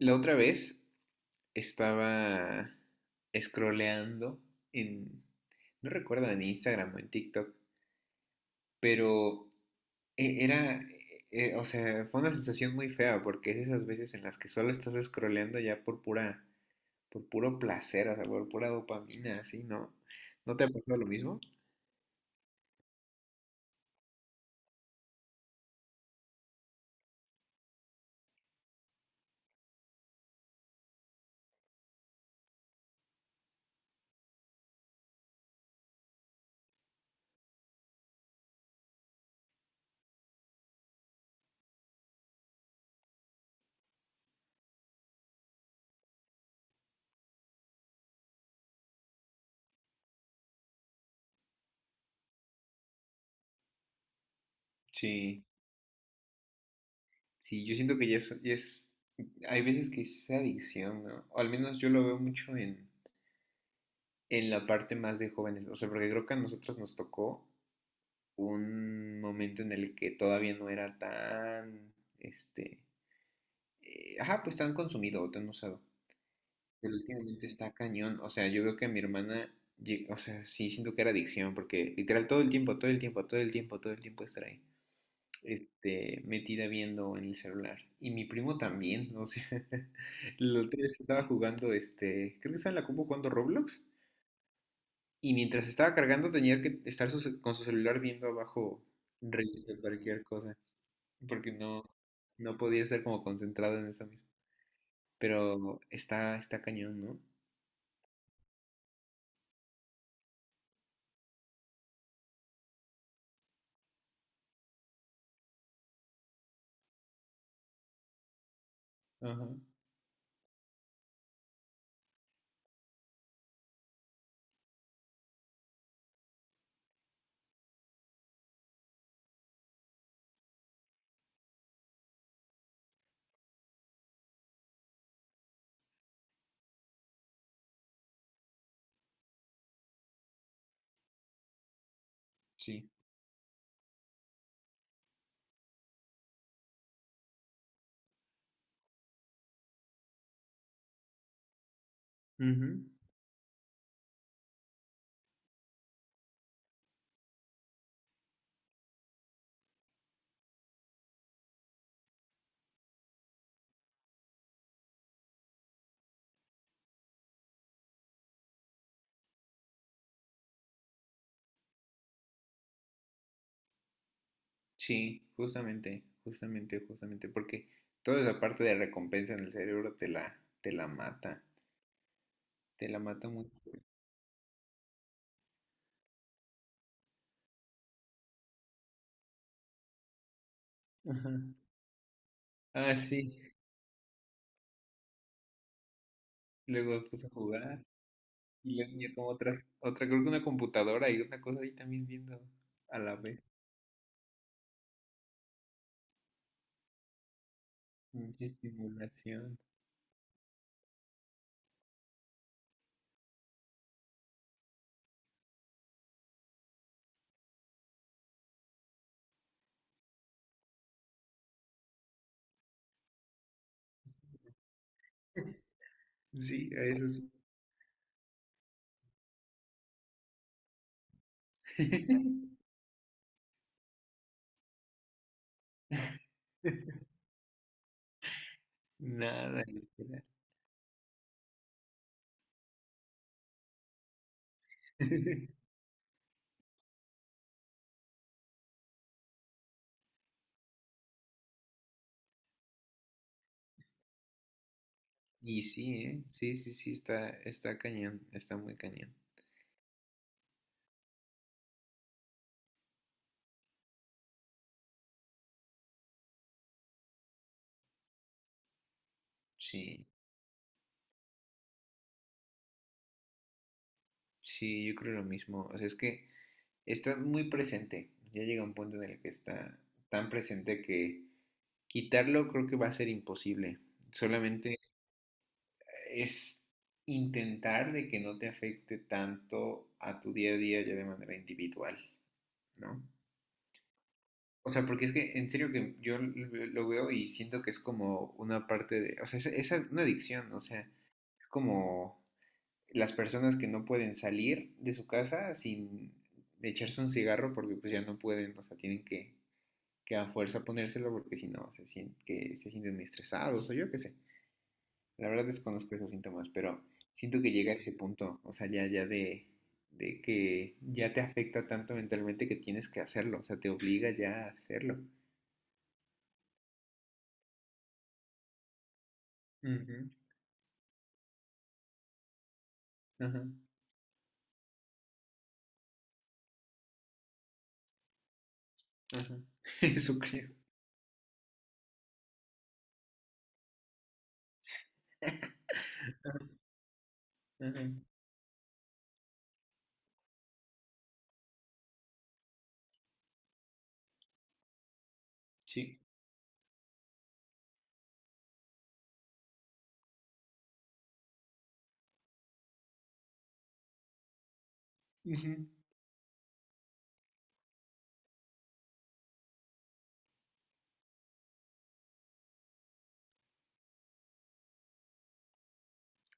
La otra vez estaba scrolleando en, no recuerdo, en Instagram o en TikTok, pero e- era, fue una sensación muy fea porque es de esas veces en las que solo estás scrolleando ya por puro placer, o sea, por pura dopamina, así, ¿no? ¿No te ha pasado lo mismo? Sí, sí, yo siento que hay veces que es adicción, ¿no? O al menos yo lo veo mucho en la parte más de jóvenes, o sea, porque creo que a nosotros nos tocó un momento en el que todavía no era tan, este, ajá, pues tan consumido o tan usado. Pero últimamente está cañón. O sea, yo veo que a mi hermana, o sea, sí siento que era adicción, porque literal todo el tiempo, todo el tiempo, todo el tiempo, todo el tiempo estar ahí, este, metida viendo en el celular. Y mi primo también, o sea, los tres estaba jugando, este, creo que estaba en la compu jugando Roblox. Y mientras estaba cargando tenía que estar con su celular viendo abajo reels de cualquier cosa. Porque no podía estar como concentrado en eso mismo. Pero está cañón, ¿no? Ajá, sí. Ujú. Sí, justamente, justamente, justamente, porque toda esa parte de recompensa en el cerebro te la mata mucho. Ajá. Ah, sí, luego puse a jugar y la niña como otra, creo que una computadora y una cosa ahí también viendo a la vez. Mucha estimulación. Sí, a eso sí. Nada, literal. Y sí, ¿eh? Sí, sí, sí, está cañón, está muy cañón. Sí, sí, yo creo lo mismo. O sea, es que está muy presente. Ya llega un punto en el que está tan presente que quitarlo creo que va a ser imposible. Solamente es intentar de que no te afecte tanto a tu día a día ya de manera individual, ¿no? O sea, porque es que en serio que yo lo veo y siento que es como una parte de, o sea, es una adicción, o sea, es como las personas que no pueden salir de su casa sin echarse un cigarro porque pues ya no pueden, o sea, que a fuerza ponérselo porque si no sienten que se sienten muy estresados o yo qué sé. La verdad desconozco esos síntomas, pero siento que llega a ese punto, o sea, ya de que ya te afecta tanto mentalmente que tienes que hacerlo, o sea, te obliga ya a hacerlo. Ujú, ajá, ajá. Eso creo. Ajá, sí. Ujú.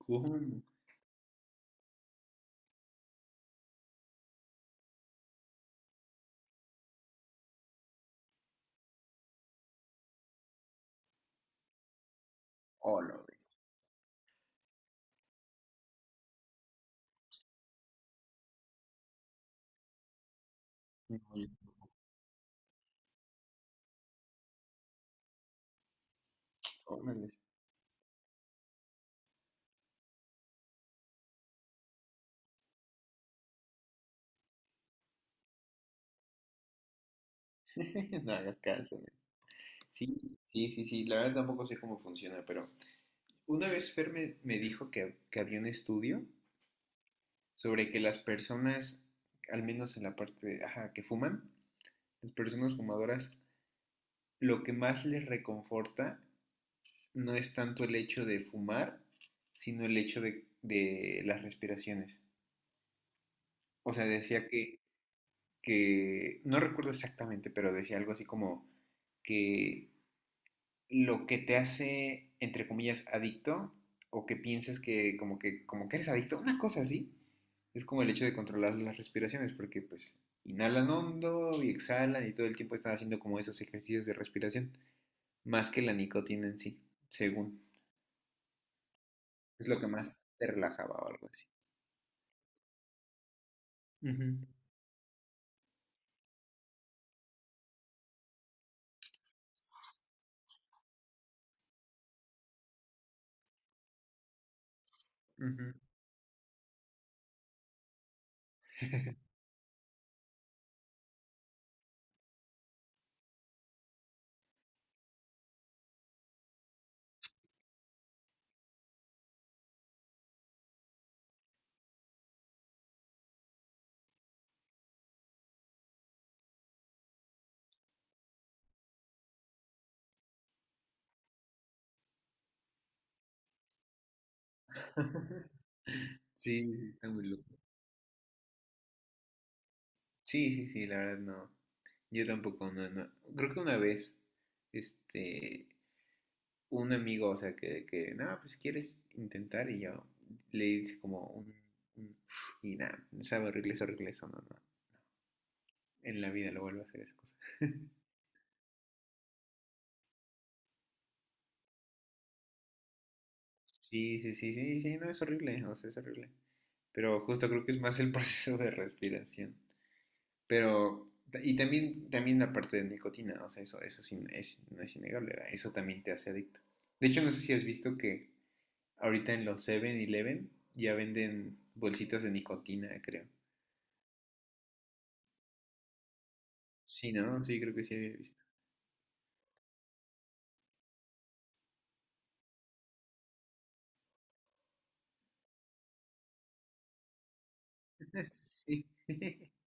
¿Cómo? Órale. No, yo- No hagas caso. Sí, sí, sí, sí. La verdad tampoco sé cómo funciona, pero una vez Fer me dijo que había un estudio sobre que las personas, al menos en la parte de- ajá, que fuman, las personas fumadoras, lo que más les reconforta no es tanto el hecho de fumar, sino el hecho de las respiraciones. O sea, que, no recuerdo exactamente, pero decía algo así como que lo que te hace, entre comillas, adicto, o que piensas que como que eres adicto, una cosa así, es como el hecho de controlar las respiraciones, porque pues inhalan hondo y exhalan y todo el tiempo están haciendo como esos ejercicios de respiración, más que la nicotina en sí, según. Es lo que más te relajaba o algo así. Ujú, ujú. Sí, sí, está muy loco. Sí, sí, sí, la verdad no. Yo tampoco, no, no. Creo que una vez, este, un amigo, o sea, que nada, pues quieres intentar y yo le hice como un- y nada, no sabe horrible, es horrible eso, no, no, en la vida lo vuelvo a hacer esa cosa. Sí, sí, sí, sí, sí, no, es horrible, o sea, es horrible. Pero justo creo que es más el proceso de respiración. Pero, y también, también la parte de nicotina, o sea, eso sí, no es innegable, ¿verdad? Eso también te hace adicto. De hecho, no sé si has visto que ahorita en los 7-Eleven ya venden bolsitas de nicotina, creo. Sí, ¿no? Sí, creo que sí había visto. Sí.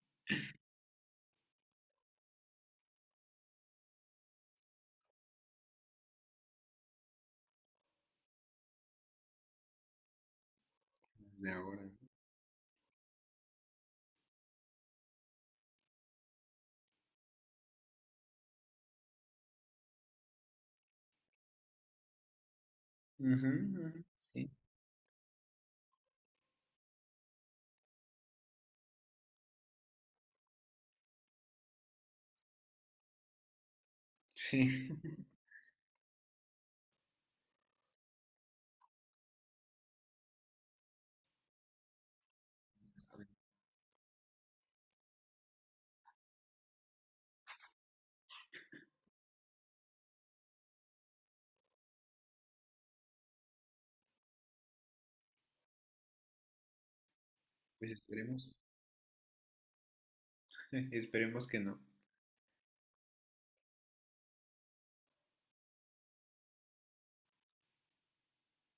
De ahora. Ujú, ujú, sí. Sí. Pues esperemos. Esperemos que no.